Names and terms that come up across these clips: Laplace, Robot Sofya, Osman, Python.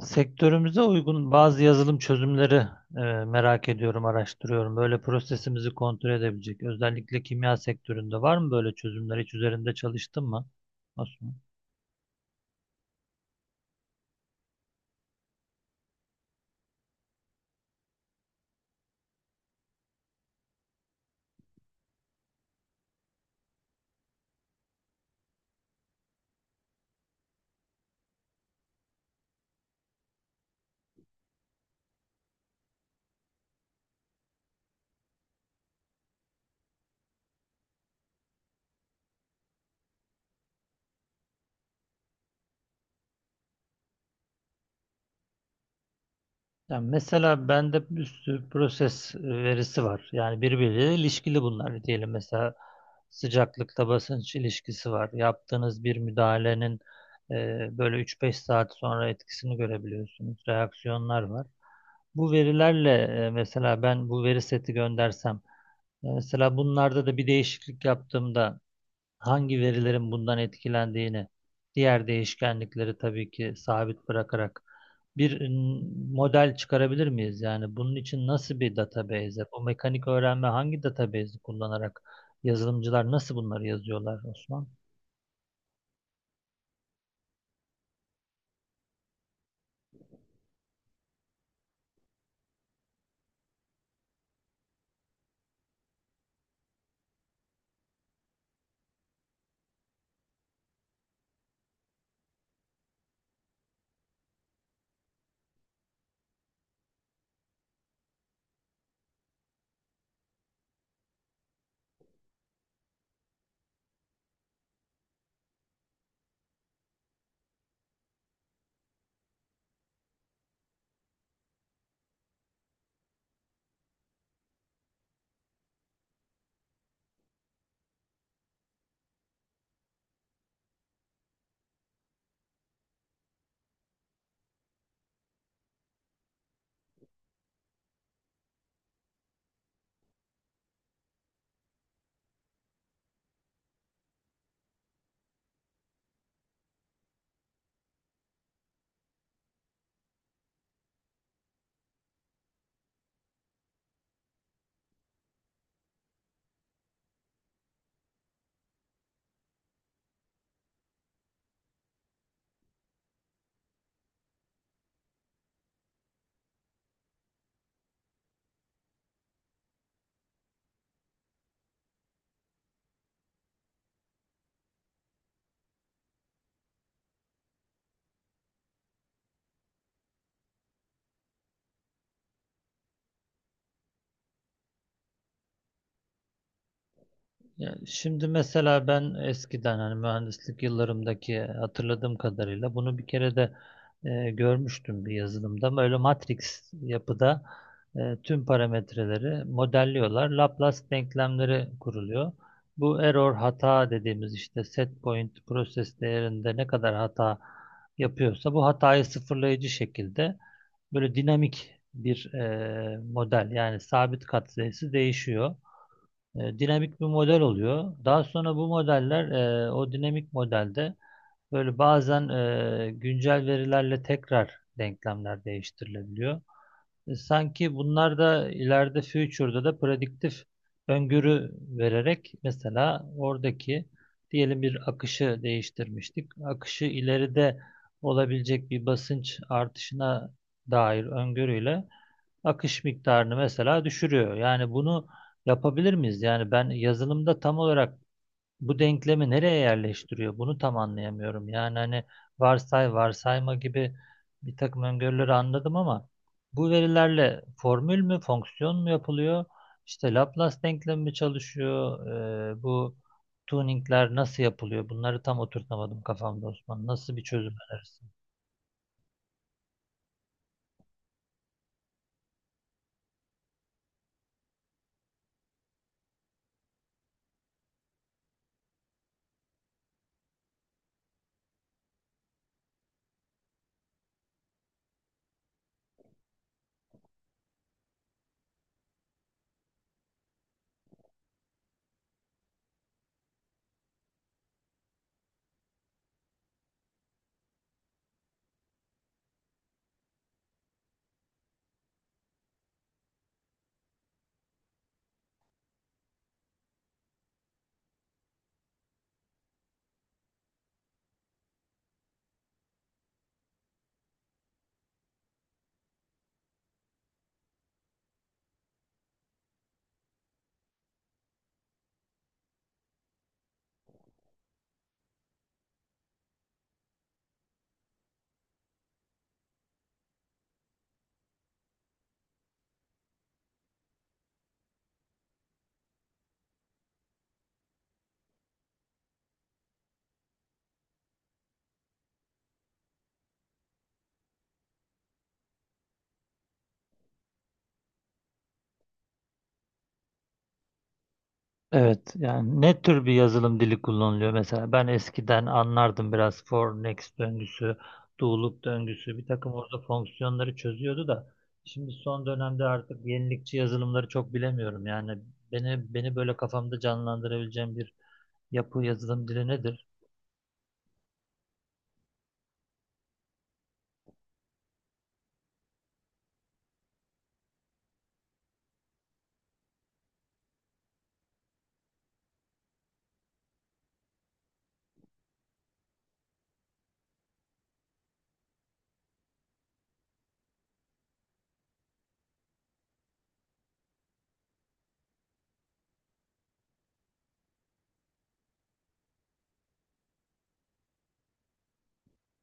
Sektörümüze uygun bazı yazılım çözümleri merak ediyorum, araştırıyorum. Böyle prosesimizi kontrol edebilecek. Özellikle kimya sektöründe var mı böyle çözümler? Hiç üzerinde çalıştın mı? Osman? Yani mesela bende bir sürü proses verisi var. Yani birbiriyle ilişkili bunlar diyelim. Mesela sıcaklıkta basınç ilişkisi var. Yaptığınız bir müdahalenin e, böyle 3-5 saat sonra etkisini görebiliyorsunuz. Reaksiyonlar var. Bu verilerle mesela ben bu veri seti göndersem, mesela bunlarda da bir değişiklik yaptığımda hangi verilerin bundan etkilendiğini, diğer değişkenlikleri tabii ki sabit bırakarak bir m, model çıkarabilir miyiz? Yani bunun için nasıl bir database, bu mekanik öğrenme hangi database'i kullanarak yazılımcılar nasıl bunları yazıyorlar Osman? Yani şimdi mesela ben eskiden hani mühendislik yıllarımdaki hatırladığım kadarıyla bunu bir kere de görmüştüm bir yazılımda. Böyle matris yapıda tüm parametreleri modelliyorlar. Laplace denklemleri kuruluyor. Bu error hata dediğimiz işte set point proses değerinde ne kadar hata yapıyorsa bu hatayı sıfırlayıcı şekilde böyle dinamik bir model, yani sabit katsayısı değişiyor, dinamik bir model oluyor. Daha sonra bu modeller o dinamik modelde böyle bazen güncel verilerle tekrar denklemler değiştirilebiliyor. Sanki bunlar da ileride future'da da prediktif öngörü vererek mesela oradaki diyelim bir akışı değiştirmiştik. Akışı ileride olabilecek bir basınç artışına dair öngörüyle akış miktarını mesela düşürüyor. Yani bunu yapabilir miyiz? Yani ben yazılımda tam olarak bu denklemi nereye yerleştiriyor? Bunu tam anlayamıyorum. Yani hani varsayma gibi bir takım öngörüleri anladım ama bu verilerle formül mü, fonksiyon mu yapılıyor? İşte Laplace denklemi mi çalışıyor? Bu tuningler nasıl yapılıyor? Bunları tam oturtamadım kafamda Osman. Nasıl bir çözüm önerirsin? Evet, yani ne tür bir yazılım dili kullanılıyor mesela? Ben eskiden anlardım biraz for next döngüsü, do loop döngüsü, bir takım orada fonksiyonları çözüyordu da şimdi son dönemde artık yenilikçi yazılımları çok bilemiyorum. Yani beni böyle kafamda canlandırabileceğim bir yapı yazılım dili nedir?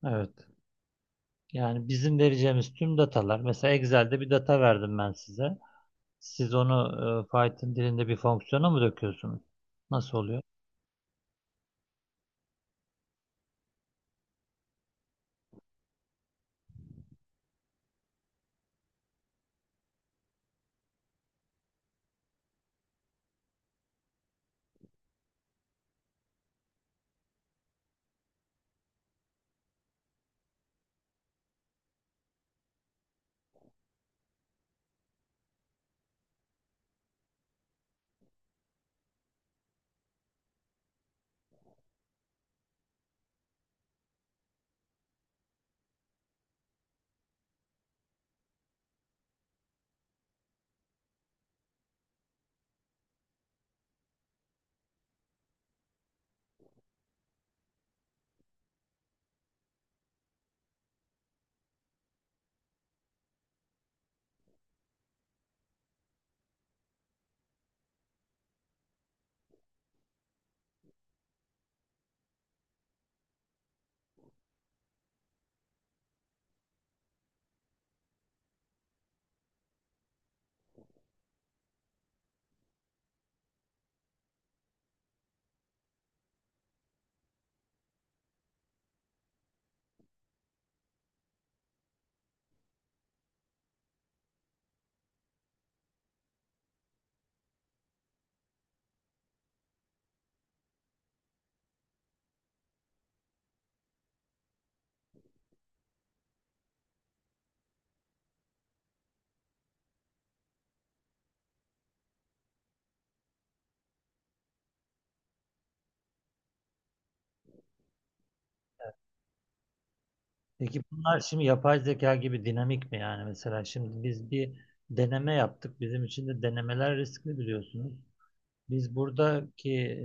Evet. Yani bizim vereceğimiz tüm datalar, mesela Excel'de bir data verdim ben size. Siz onu Python dilinde bir fonksiyona mı döküyorsunuz? Nasıl oluyor? Peki bunlar şimdi yapay zeka gibi dinamik mi, yani mesela şimdi biz bir deneme yaptık. Bizim için de denemeler riskli biliyorsunuz. Biz buradaki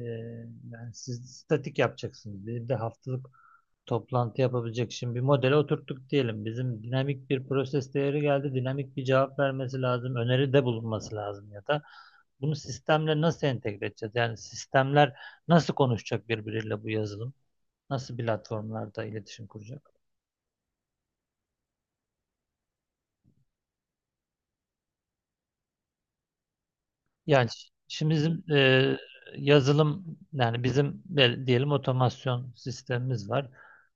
yani siz statik yapacaksınız. Bir de haftalık toplantı yapabilecek şimdi bir modele oturttuk diyelim. Bizim dinamik bir proses değeri geldi. Dinamik bir cevap vermesi lazım. Öneride bulunması lazım ya da bunu sistemle nasıl entegre edeceğiz? Yani sistemler nasıl konuşacak birbiriyle bu yazılım? Nasıl platformlarda iletişim kuracak? Şimdi bizim yazılım, yani bizim diyelim otomasyon sistemimiz var.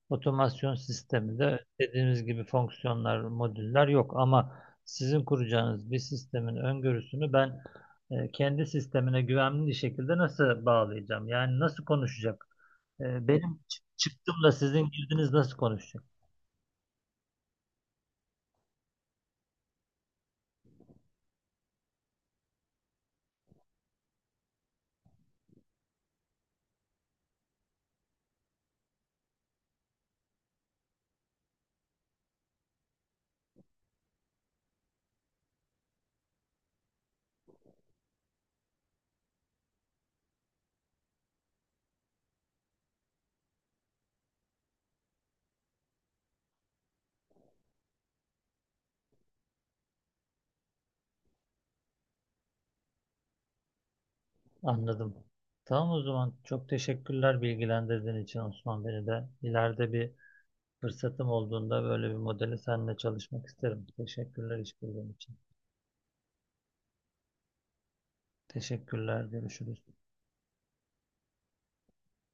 Otomasyon sisteminde dediğimiz gibi fonksiyonlar, modüller yok ama sizin kuracağınız bir sistemin öngörüsünü ben kendi sistemine güvenli şekilde nasıl bağlayacağım? Yani nasıl konuşacak? Benim çıktımla sizin girdiniz nasıl konuşacak? Anladım. Tamam, o zaman çok teşekkürler bilgilendirdiğin için Osman, beni de. İleride bir fırsatım olduğunda böyle bir modeli seninle çalışmak isterim. Teşekkürler işbirliğin için. Teşekkürler. Görüşürüz.